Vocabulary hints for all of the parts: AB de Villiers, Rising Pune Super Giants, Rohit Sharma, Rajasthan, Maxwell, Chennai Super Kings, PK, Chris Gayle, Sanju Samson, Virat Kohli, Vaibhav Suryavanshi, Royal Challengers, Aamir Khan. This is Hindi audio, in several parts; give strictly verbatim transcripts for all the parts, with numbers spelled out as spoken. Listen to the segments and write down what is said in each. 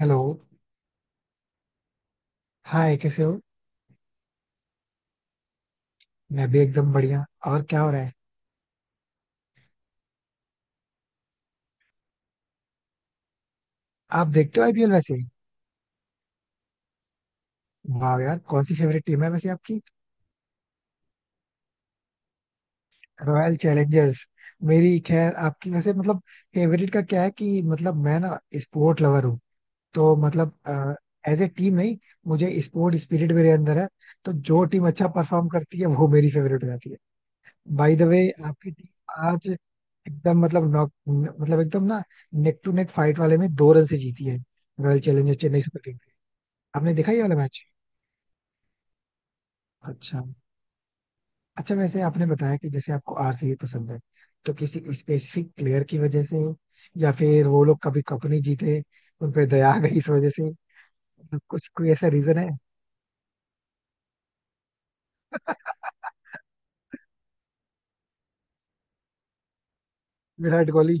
हेलो। हाय, कैसे हो? मैं भी एकदम बढ़िया। और क्या हो रहा है? आप देखते हो आईपीएल वैसे? वाह यार, कौन सी फेवरेट टीम है वैसे आपकी? Royal Challengers. मेरी खैर, आपकी वैसे मतलब फेवरेट का क्या है कि मतलब मैं ना स्पोर्ट लवर हूँ। तो मतलब एज ए टीम नहीं, मुझे स्पोर्ट स्पिरिट मेरे अंदर है। तो जो टीम अच्छा परफॉर्म करती है वो मेरी फेवरेट हो जाती है। बाय द वे, आपकी टीम आज एकदम मतलब नॉक मतलब एकदम ना नेक टू नेक फाइट वाले में दो रन से जीती है। Royal Challengers Chennai Super. आपने देखा ये वाला मैच? अच्छा। अच्छा, वैसे आपने बताया कि जैसे आपको आरसीबी पसंद है, तो किसी स्पेसिफिक प्लेयर की वजह से, या फिर वो लोग कभी कप नहीं जीते उन पे दया आ गई इस वजह से, मतलब कुछ कोई ऐसा रीजन है? Virat Kohli.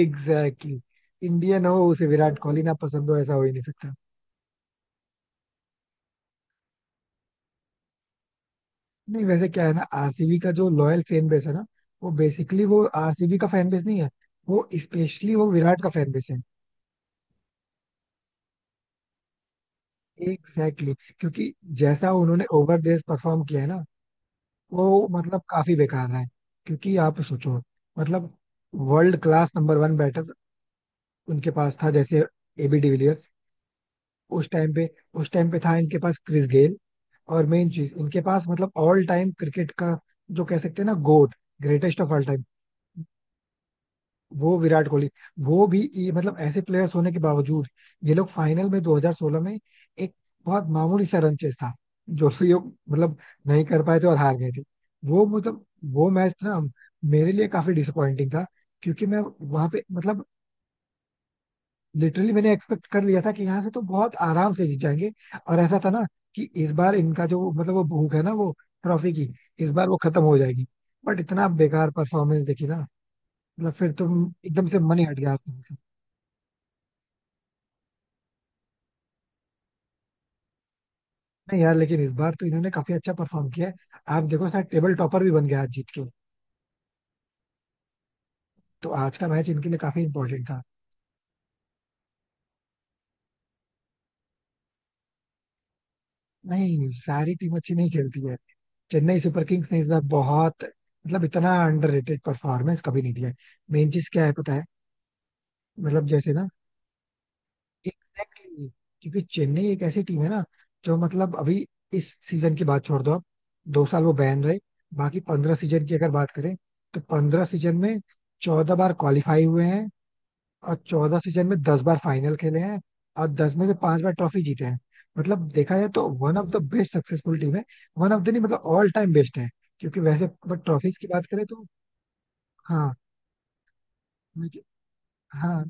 Exactly exactly. Indian हो उसे विराट कोहली ना पसंद हो, ऐसा हो ही नहीं सकता। नहीं, वैसे क्या है ना, आरसीबी का जो लॉयल फैन बेस है ना, वो बेसिकली वो आरसीबी का फैन बेस नहीं है, वो स्पेशली वो विराट का फैन बेस है। Exactly exactly. क्योंकि जैसा उन्होंने ओवर परफॉर्म किया है ना, वो मतलब काफी बेकार है। क्योंकि आप सोचो, मतलब world class number one batter उनके पास था। जैसे एबी डिविलियर्स उस टाइम पे। उस टाइम पे था इनके पास क्रिस गेल। और मेन चीज इनके पास मतलब ऑल टाइम क्रिकेट का जो कह सकते हैं ना GOAT, greatest of all time, वो विराट कोहली। वो भी ये मतलब ऐसे प्लेयर्स होने के बावजूद ये लोग फाइनल में दो हज़ार सोलह में एक बहुत मामूली सा रन चेस था जो कि ये मतलब नहीं कर पाए थे और हार गए थे। वो मतलब वो मैच ना मेरे लिए काफी डिसअपॉइंटिंग था। क्योंकि मैं वहां पे मतलब लिटरली मैंने एक्सपेक्ट कर लिया था कि यहाँ से तो बहुत आराम से जीत जाएंगे। और ऐसा था ना कि इस बार इनका जो मतलब वो भूख है ना, वो ट्रॉफी की इस बार वो खत्म हो जाएगी। बट इतना बेकार परफॉर्मेंस देखी ना, मतलब फिर तो एकदम से मन ही हट गया। नहीं यार, लेकिन इस बार तो इन्होंने काफी अच्छा परफॉर्म किया है। आप देखो, शायद टेबल टॉपर भी बन गया आज जीत के। तो आज का मैच इनके लिए काफी इंपॉर्टेंट था। नहीं, सारी टीम अच्छी नहीं खेलती है। चेन्नई सुपर किंग्स ने इस बार बहुत मतलब इतना अंडररेटेड परफॉर्मेंस कभी नहीं दिया है। मेन चीज क्या है पता है? मतलब जैसे ना, एग्जैक्टली। क्योंकि चेन्नई एक ऐसी टीम है ना जो मतलब अभी इस सीजन की बात छोड़ दो आप, दो साल वो बैन रहे, बाकी पंद्रह सीजन की अगर बात करें, तो पंद्रह सीजन में चौदह बार क्वालिफाई हुए हैं। और चौदह सीजन में दस बार फाइनल खेले हैं, और दस में से पांच बार ट्रॉफी जीते हैं। मतलब देखा जाए तो one of the best successful team है। वन ऑफ द नहीं, मतलब ऑल टाइम बेस्ट है। क्योंकि वैसे बट ट्रॉफीज की बात करें तो हाँ। लेकिन- हाँ,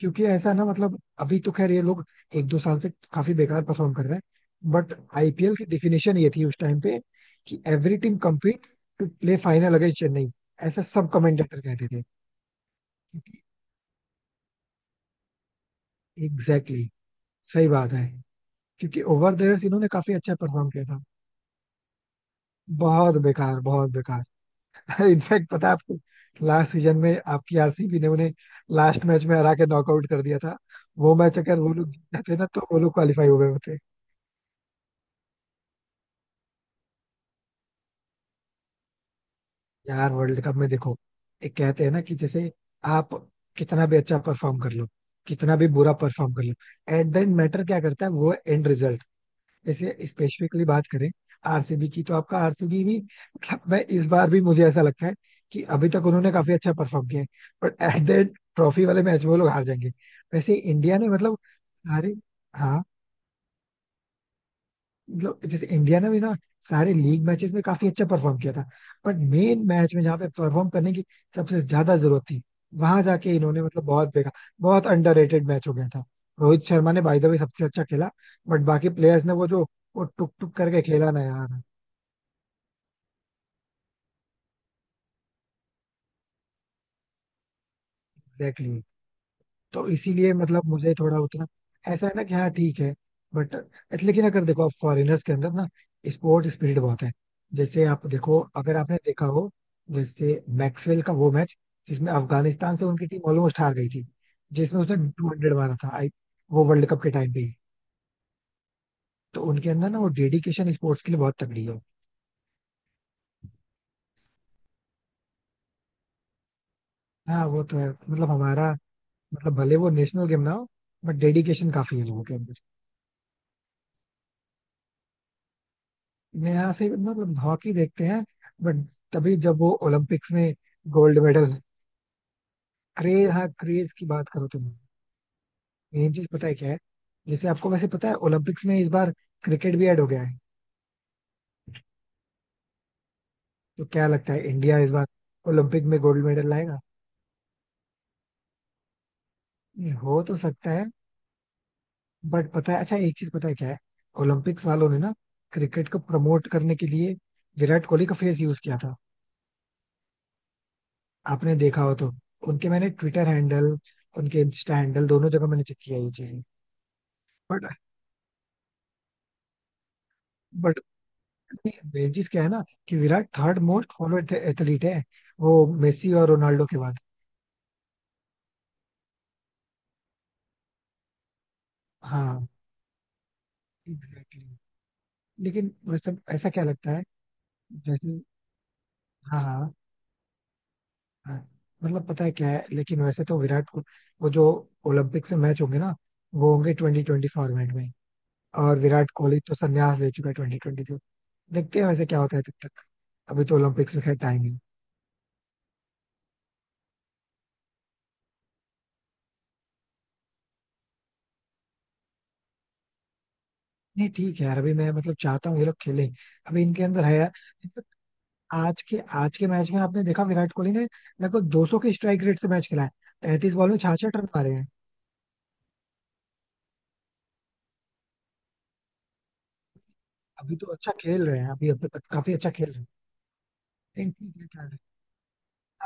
क्योंकि ऐसा ना मतलब अभी तो खैर ये लोग एक दो साल से काफी बेकार परफॉर्म कर रहे हैं, बट आईपीएल की डिफिनेशन ये थी उस टाइम पे कि every team compete to play final against Chennai. ऐसा सब कमेंटेटर कहते थे। क्योंकि एग्जैक्टली exactly, सही बात है। क्योंकि ओवर द इयर्स इन्होंने काफी अच्छा परफॉर्म किया था। बहुत बेकार, बहुत बेकार। इनफैक्ट पता है आपको, लास्ट सीजन में आपकी आरसीबी ने उन्हें लास्ट मैच में हरा के नॉकआउट कर दिया था। वो मैच अगर वो लोग जीत जाते ना, तो वो लोग क्वालिफाई हो गए होते। यार वर्ल्ड कप में देखो, एक कहते हैं ना कि जैसे आप कितना भी अच्छा परफॉर्म कर लो, कितना भी बुरा परफॉर्म कर लो, एट द मैटर क्या करता है वो एंड रिजल्ट। जैसे स्पेसिफिकली बात करें आरसीबी की, तो आपका आरसीबी भी मतलब मैं इस बार भी मुझे ऐसा लगता है कि अभी तक उन्होंने काफी अच्छा परफॉर्म किया है, but at the end trophy वाले मैच में वो लोग हार जाएंगे। वैसे इंडिया ने मतलब सारे, हाँ मतलब जैसे इंडिया ने भी ना सारे लीग मैचेस में काफी अच्छा परफॉर्म किया था, बट मेन मैच में जहाँ पे परफॉर्म करने की सबसे ज्यादा जरूरत थी, वहां जाके इन्होंने मतलब बहुत बेकार, बहुत अंडररेटेड मैच हो गया था। रोहित शर्मा ने बाय द वे सबसे अच्छा खेला, बट बाकी प्लेयर्स ने वो जो वो टुक टुक करके खेला ना यार। एग्जैक्टली। तो इसीलिए मतलब मुझे थोड़ा उतना ऐसा है ना कि हाँ ठीक है बट। लेकिन अगर देखो आप, फॉरेनर्स के अंदर ना स्पोर्ट स्पिरिट बहुत है। जैसे आप देखो, अगर आपने देखा हो, जैसे मैक्सवेल का वो मैच जिसमें अफगानिस्तान से उनकी टीम ऑलमोस्ट हार गई थी, जिसमें उसने टू हंड्रेड मारा था, आई, वो वर्ल्ड कप के टाइम पे ही। तो उनके अंदर ना वो डेडिकेशन स्पोर्ट्स के लिए बहुत तगड़ी है। हाँ वो तो है, मतलब हमारा मतलब भले वो नेशनल गेम ना हो, बट डेडिकेशन काफी है लोगों के अंदर। मैं यहाँ से मतलब हॉकी देखते हैं, बट तभी जब वो ओलंपिक्स में गोल्ड मेडल। क्रेज, हाँ क्रेज की बात करो तुम। मेन चीज पता है क्या है? जैसे आपको वैसे पता है ओलंपिक्स में इस बार क्रिकेट भी ऐड हो गया है। तो क्या लगता है इंडिया इस बार ओलंपिक में गोल्ड मेडल लाएगा? नहीं, हो तो सकता है बट पता है, अच्छा एक चीज पता है क्या है, ओलंपिक्स वालों ने ना क्रिकेट को प्रमोट करने के लिए विराट कोहली का फेस यूज किया था। आपने देखा हो तो, उनके मैंने ट्विटर हैंडल, उनके इंस्टा हैंडल दोनों जगह मैंने चेक किया ये चीज। बट बेजिस क्या है ना कि Virat third most followed athlete है, वो मेसी और रोनाल्डो के बाद। हाँ। Exactly exactly. लेकिन वैसे ऐसा क्या लगता है जैसे, हाँ हाँ हाँ, मतलब पता है क्या है, लेकिन वैसे तो विराट को वो जो ओलंपिक से मैच होंगे ना, वो होंगे ट्वेंटी ट्वेंटी फॉर्मेट में, और विराट कोहली तो संन्यास ले चुका है ट्वेंटी ट्वेंटी से। देखते हैं वैसे क्या होता है तब तक, अभी तो ओलंपिक्स में खैर टाइम है। नहीं ठीक है यार, अभी मैं मतलब चाहता हूँ ये लोग खेलें। अभी इनके अंदर है यार। आज के आज के मैच में आपने देखा विराट कोहली ने लगभग दो सौ के स्ट्राइक रेट से मैच खेला है। तैंतीस बॉल में छियासठ रन मारे हैं। अभी तो अच्छा खेल रहे हैं, अभी अभी तक काफी अच्छा खेल रहे हैं। लेकिन ठीक है क्या है,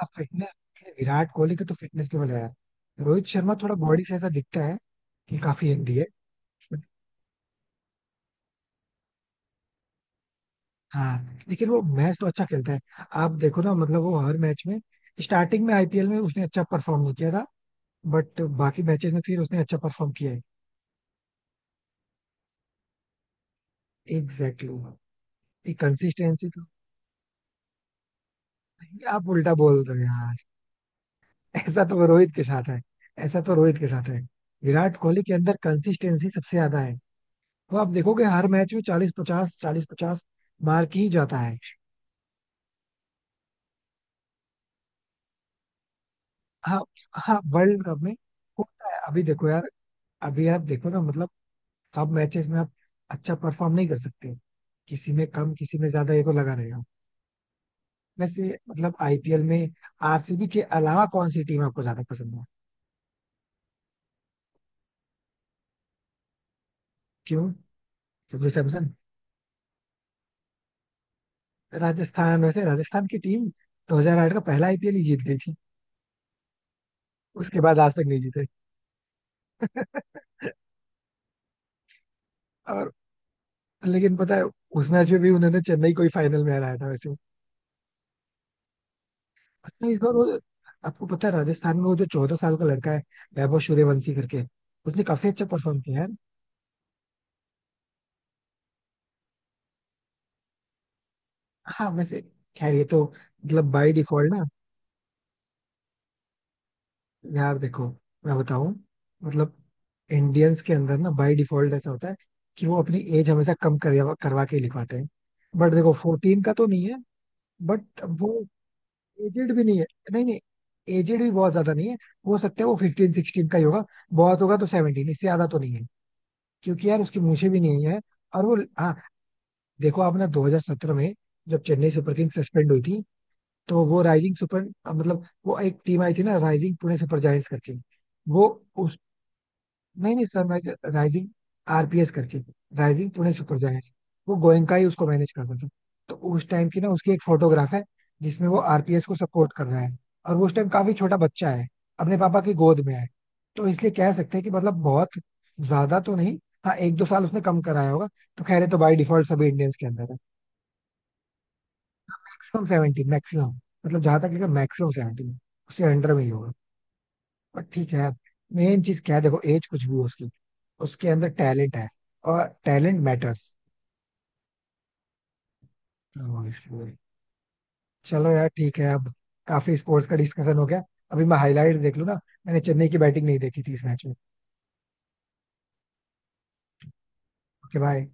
आप फिटनेस विराट कोहली का तो फिटनेस लेवल है यार। रोहित शर्मा थोड़ा बॉडी से ऐसा दिखता है कि काफी हेल्दी है। हाँ लेकिन वो मैच तो अच्छा खेलता है। आप देखो ना, मतलब वो हर मैच में स्टार्टिंग में आईपीएल में उसने अच्छा परफॉर्म नहीं किया था, बट बाकी मैचेस में फिर उसने अच्छा परफॉर्म किया है। Exactly exactly. कंसिस्टेंसी तो नहीं, आप उल्टा बोल रहे हैं। ऐसा तो रोहित के साथ है। ऐसा तो रोहित के साथ है। विराट कोहली के अंदर कंसिस्टेंसी सबसे ज्यादा है। वो आप देखोगे हर मैच में चालीस पचास चालीस पचास मार के ही जाता है। हाँ। हाँ वर्ल्ड कप में होता है। अभी देखो यार, अभी यार देखो ना मतलब सब मैचेस में आप अच्छा परफॉर्म नहीं कर सकते, किसी में कम किसी में ज्यादा ये को लगा रहेगा। वैसे मतलब आईपीएल में आरसीबी के अलावा कौन सी टीम आपको ज्यादा पसंद है? क्यों? संजू सैमसन? राजस्थान, वैसे राजस्थान की टीम दो हज़ार आठ का पहला आईपीएल ही जीत गई। उसके बाद आज तक नहीं जीते। और, लेकिन पता है, उस मैच में भी उन्होंने चेन्नई को ही फाइनल में हराया था वैसे। अच्छा, इस बार वो आपको पता है राजस्थान में वो जो चौदह साल का लड़का है, वैभव सूर्यवंशी करके, उसने काफी अच्छा परफॉर्म किया यार। हाँ वैसे खैर ये तो मतलब बाय डिफॉल्ट ना, यार देखो मैं बताऊं, मतलब इंडियंस के अंदर ना बाय डिफॉल्ट ऐसा होता है कि वो अपनी एज हमेशा कम करवा करवा के ही लिखवाते हैं। बट देखो, फोर्टीन का तो नहीं है, बट वो एजेड भी नहीं है। नहीं नहीं, एजेड भी बहुत ज्यादा नहीं है। हो सकता है वो फिफ्टीन सिक्सटीन का ही होगा। बहुत होगा तो सेवनटीन, इससे ज्यादा तो नहीं है, क्योंकि यार उसकी मूछें भी नहीं है। और वो हाँ, देखो आपने दो हज़ार सत्रह में जब चेन्नई सुपर किंग्स सस्पेंड हुई थी, तो वो राइजिंग सुपर मतलब वो एक टीम आई थी ना राइजिंग पुणे सुपर जायंट्स करके। वो उस, नहीं नहीं सर मैं, राइजिंग आरपीएस करके, राइजिंग पुणे सुपर जायंट्स। वो गोयनका ही उसको मैनेज करता था। तो उस टाइम की ना उसकी एक फोटोग्राफ है जिसमें वो आरपीएस को सपोर्ट कर रहा है, और वो उस टाइम काफी छोटा बच्चा है, अपने पापा की गोद में है। तो इसलिए कह सकते हैं कि मतलब बहुत ज्यादा तो नहीं, हाँ एक दो साल उसने कम कराया होगा, तो खैर ये तो बाई डिफॉल्ट सभी इंडियंस के अंदर है। मैक्सिमम सेवेंटी, मैक्सिमम मतलब जहां तक लेकर मैक्सिमम सेवेंटी, उससे अंडर में ही होगा। पर ठीक है यार, मेन चीज क्या है देखो, एज कुछ भी हो उसकी, उसके अंदर टैलेंट है और टैलेंट मैटर्स। तो इसलिए चलो यार ठीक है अब, काफी स्पोर्ट्स का डिस्कशन हो गया। अभी मैं हाईलाइट देख लूँ ना, मैंने चेन्नई की बैटिंग नहीं देखी थी इस मैच में। Okay bye.